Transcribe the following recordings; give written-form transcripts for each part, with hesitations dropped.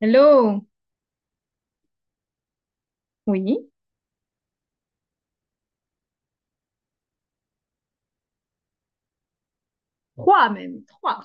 Hello, oui, trois même, trois.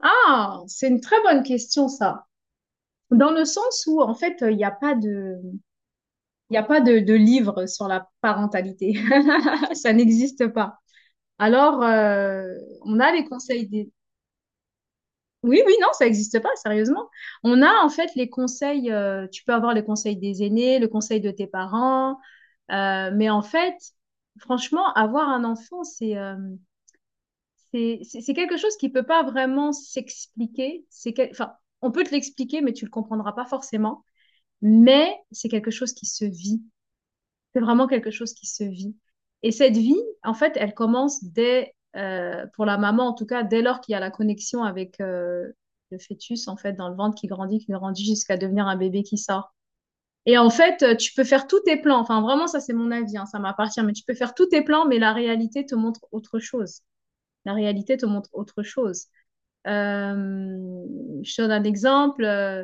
Ah, c'est une très bonne question ça. Dans le sens où en fait il y a pas de livre sur la parentalité, ça n'existe pas. Alors on a les conseils des, oui, oui, non, ça n'existe pas sérieusement. On a en fait les conseils, tu peux avoir les conseils des aînés, le conseil de tes parents, mais en fait franchement avoir un enfant c'est quelque chose qui ne peut pas vraiment s'expliquer. Enfin, on peut te l'expliquer, mais tu ne le comprendras pas forcément. Mais c'est quelque chose qui se vit. C'est vraiment quelque chose qui se vit. Et cette vie, en fait, elle commence dès, pour la maman en tout cas, dès lors qu'il y a la connexion avec le fœtus, en fait, dans le ventre qui grandit jusqu'à devenir un bébé qui sort. Et en fait, tu peux faire tous tes plans. Enfin, vraiment, ça, c'est mon avis, hein, ça m'appartient. Mais tu peux faire tous tes plans, mais la réalité te montre autre chose. La réalité te montre autre chose. Euh, je te donne un exemple. euh,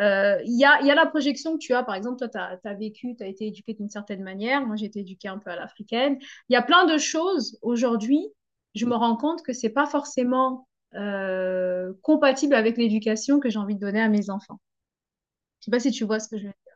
euh, Il y a la projection que tu as. Par exemple, toi, tu as été éduqué d'une certaine manière. Moi, j'ai été éduquée un peu à l'africaine. Il y a plein de choses. Aujourd'hui, je me rends compte que c'est pas forcément compatible avec l'éducation que j'ai envie de donner à mes enfants. Je sais pas si tu vois ce que je veux dire.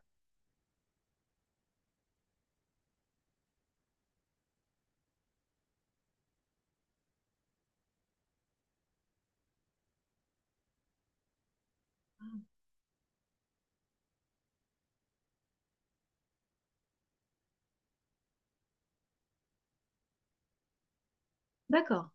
D'accord.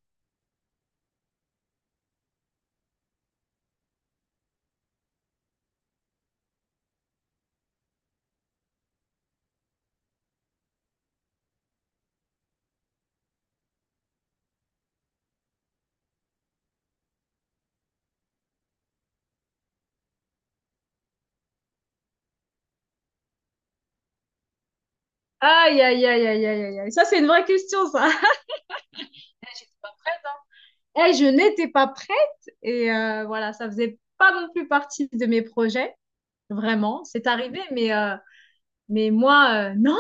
Aïe, aïe, aïe, aïe, aïe, aïe. Aïe. Ça, c'est une vraie question, ça. Eh, j'étais pas prête, hein. Eh, je n'étais pas prête et voilà, ça faisait pas non plus partie de mes projets. Vraiment, c'est arrivé, mais moi, non,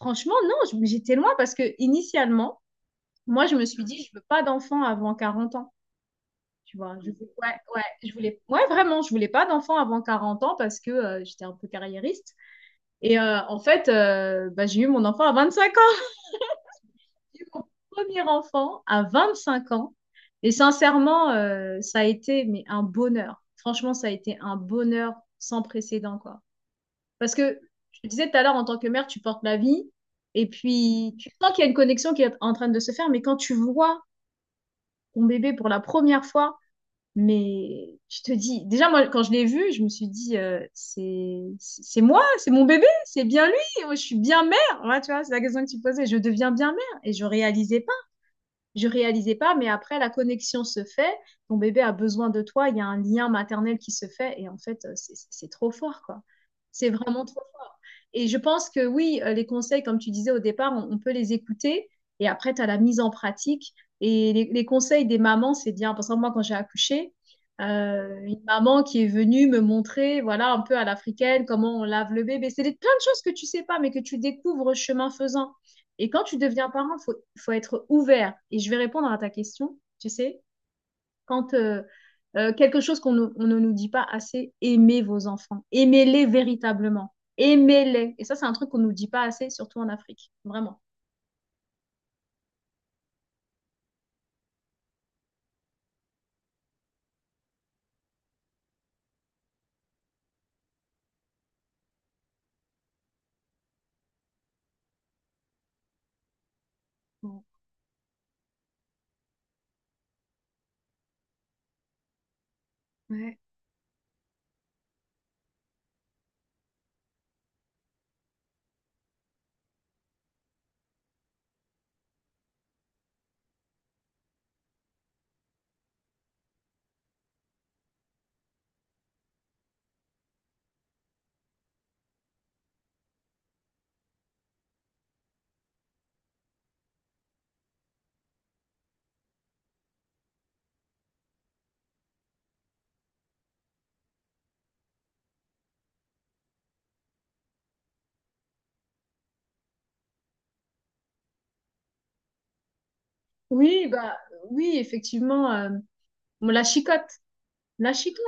franchement, non, j'étais loin parce que initialement, moi, je me suis dit, je veux pas d'enfant avant 40 ans, tu vois. Ouais, ouais, ouais, vraiment, je voulais pas d'enfant avant 40 ans parce que j'étais un peu carriériste. En fait, bah, j'ai eu mon enfant à 25 ans. J'ai eu mon premier enfant à 25 ans. Et sincèrement, ça a été mais un bonheur. Franchement, ça a été un bonheur sans précédent, quoi. Parce que je te disais tout à l'heure, en tant que mère, tu portes la vie et puis tu sens qu'il y a une connexion qui est en train de se faire, mais quand tu vois ton bébé pour la première fois, mais tu te dis, déjà moi, quand je l'ai vu, je me suis dit, c'est moi, c'est mon bébé, c'est bien lui, moi, je suis bien mère. Voilà, tu vois, c'est la question que tu posais, je deviens bien mère et je réalisais pas, mais après, la connexion se fait. Ton bébé a besoin de toi. Il y a un lien maternel qui se fait. Et en fait, c'est trop fort, quoi. C'est vraiment trop fort. Et je pense que oui, les conseils, comme tu disais au départ, on peut les écouter. Et après, tu as la mise en pratique. Et les conseils des mamans, c'est bien. Par exemple, moi, quand j'ai accouché, une maman qui est venue me montrer, voilà, un peu à l'africaine, comment on lave le bébé. Plein de choses que tu sais pas, mais que tu découvres chemin faisant. Et quand tu deviens parent, il faut être ouvert. Et je vais répondre à ta question, tu sais, quand quelque chose qu'on ne nous dit pas assez, aimez vos enfants, aimez-les véritablement, aimez-les. Et ça, c'est un truc qu'on ne nous dit pas assez, surtout en Afrique, vraiment. Ouais. Oui, bah oui, effectivement. Bon, la chicotte,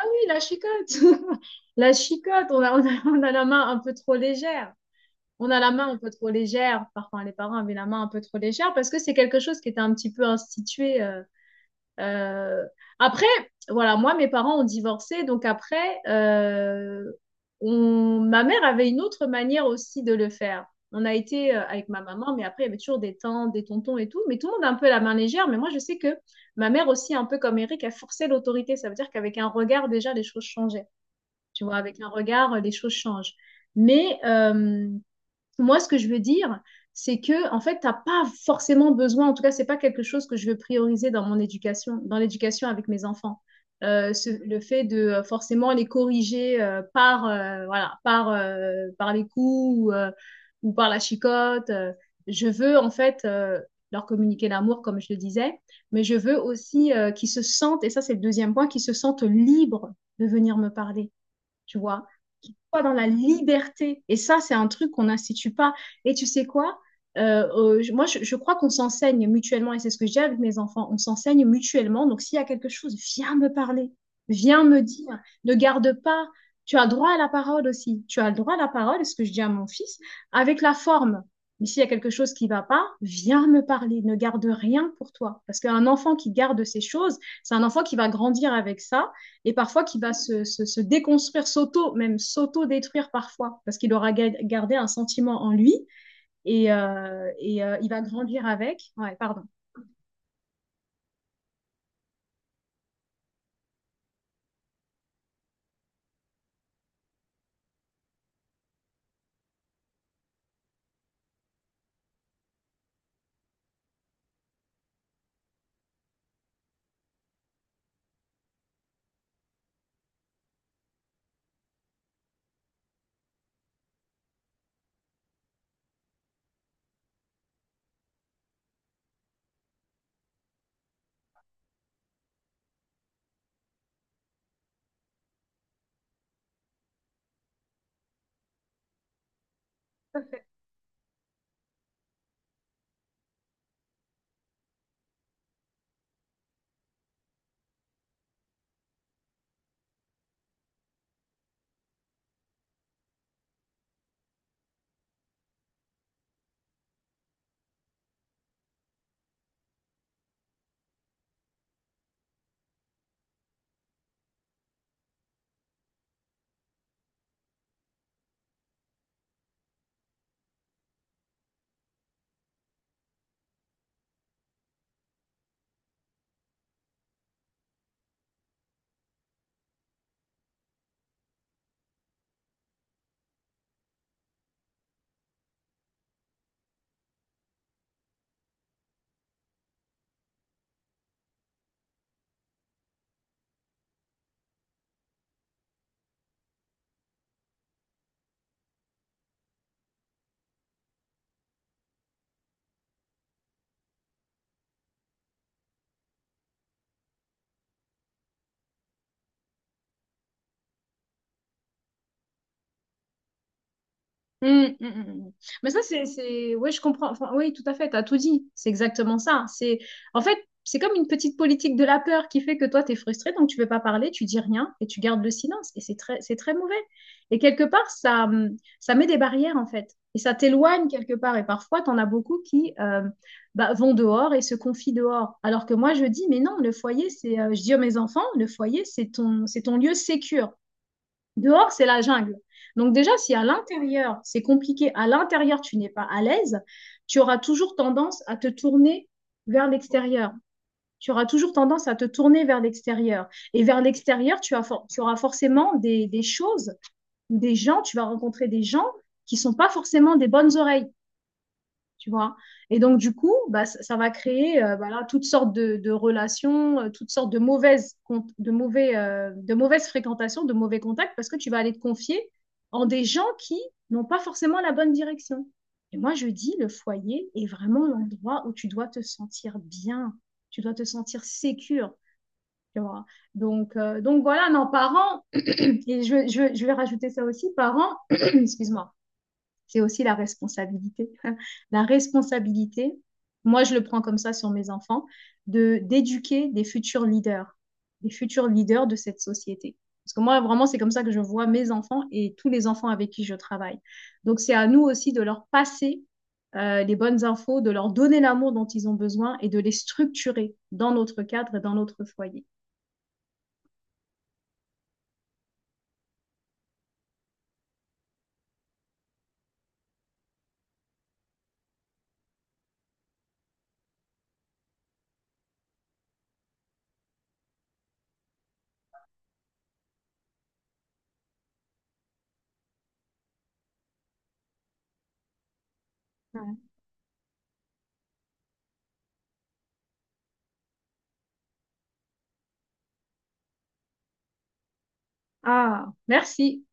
ah oui, la chicotte, la chicotte, on a la main un peu trop légère. On a la main un peu trop légère, parfois les parents avaient la main un peu trop légère parce que c'est quelque chose qui était un petit peu institué. Euh. Après, voilà, moi, mes parents ont divorcé, donc après, ma mère avait une autre manière aussi de le faire. On a été avec ma maman, mais après, il y avait toujours des tantes, des tontons et tout, mais tout le monde a un peu la main légère. Mais moi, je sais que ma mère aussi, un peu comme Eric, a forcé l'autorité. Ça veut dire qu'avec un regard, déjà, les choses changeaient. Tu vois, avec un regard, les choses changent. Mais moi, ce que je veux dire, c'est que, en fait, t'as pas forcément besoin, en tout cas, c'est pas quelque chose que je veux prioriser dans mon éducation, dans l'éducation avec mes enfants. Le fait de forcément les corriger par les coups ou par la chicotte. Je veux, en fait, leur communiquer l'amour, comme je le disais, mais je veux aussi qu'ils se sentent, et ça, c'est le deuxième point, qu'ils se sentent libres de venir me parler, tu vois, qui soient dans la liberté. Et ça, c'est un truc qu'on n'institue pas. Et tu sais quoi? Moi, je crois qu'on s'enseigne mutuellement, et c'est ce que j'ai avec mes enfants, on s'enseigne mutuellement. Donc, s'il y a quelque chose, viens me parler, viens me dire, ne garde pas. Tu as droit à la parole aussi. Tu as le droit à la parole, c'est ce que je dis à mon fils, avec la forme. Mais s'il y a quelque chose qui ne va pas, viens me parler, ne garde rien pour toi. Parce qu'un enfant qui garde ces choses, c'est un enfant qui va grandir avec ça et parfois qui va se déconstruire, même s'auto-détruire parfois, parce qu'il aura gardé un sentiment en lui et il va grandir avec. Ouais, pardon. Mm, mm, mm, mm. Mais ça, c'est... Ouais, je comprends. Enfin, oui, tout à fait, t'as tout dit. C'est exactement ça. C'est... En fait, c'est comme une petite politique de la peur qui fait que toi, t'es frustré, donc tu veux pas parler, tu dis rien et tu gardes le silence. Et c'est très mauvais. Et quelque part, ça met des barrières, en fait. Et ça t'éloigne quelque part. Et parfois, t'en as beaucoup qui bah, vont dehors et se confient dehors. Alors que moi, je dis, mais non, le foyer, je dis à mes enfants, le foyer, c'est ton lieu sécure. Dehors, c'est la jungle. Donc déjà, si à l'intérieur, c'est compliqué, à l'intérieur, tu n'es pas à l'aise, tu auras toujours tendance à te tourner vers l'extérieur. Tu auras toujours tendance à te tourner vers l'extérieur. Et vers l'extérieur, tu auras forcément des choses, des gens, tu vas rencontrer des gens qui ne sont pas forcément des bonnes oreilles, tu vois. Et donc, du coup, bah, ça va créer voilà, toutes sortes de relations, toutes sortes de mauvaises, con- de mauvais, de mauvaises fréquentations, de mauvais contacts, parce que tu vas aller te confier en des gens qui n'ont pas forcément la bonne direction. Et moi, je dis, le foyer est vraiment l'endroit où tu dois te sentir bien, tu dois te sentir sécure, tu vois. Donc, voilà, non, parents, et je vais rajouter ça aussi, parents, excuse-moi, c'est aussi la responsabilité. La responsabilité, moi je le prends comme ça sur mes enfants, de d'éduquer des futurs leaders de cette société. Parce que moi, vraiment, c'est comme ça que je vois mes enfants et tous les enfants avec qui je travaille. Donc, c'est à nous aussi de leur passer les bonnes infos, de leur donner l'amour dont ils ont besoin et de les structurer dans notre cadre et dans notre foyer. Ouais. Ah, merci.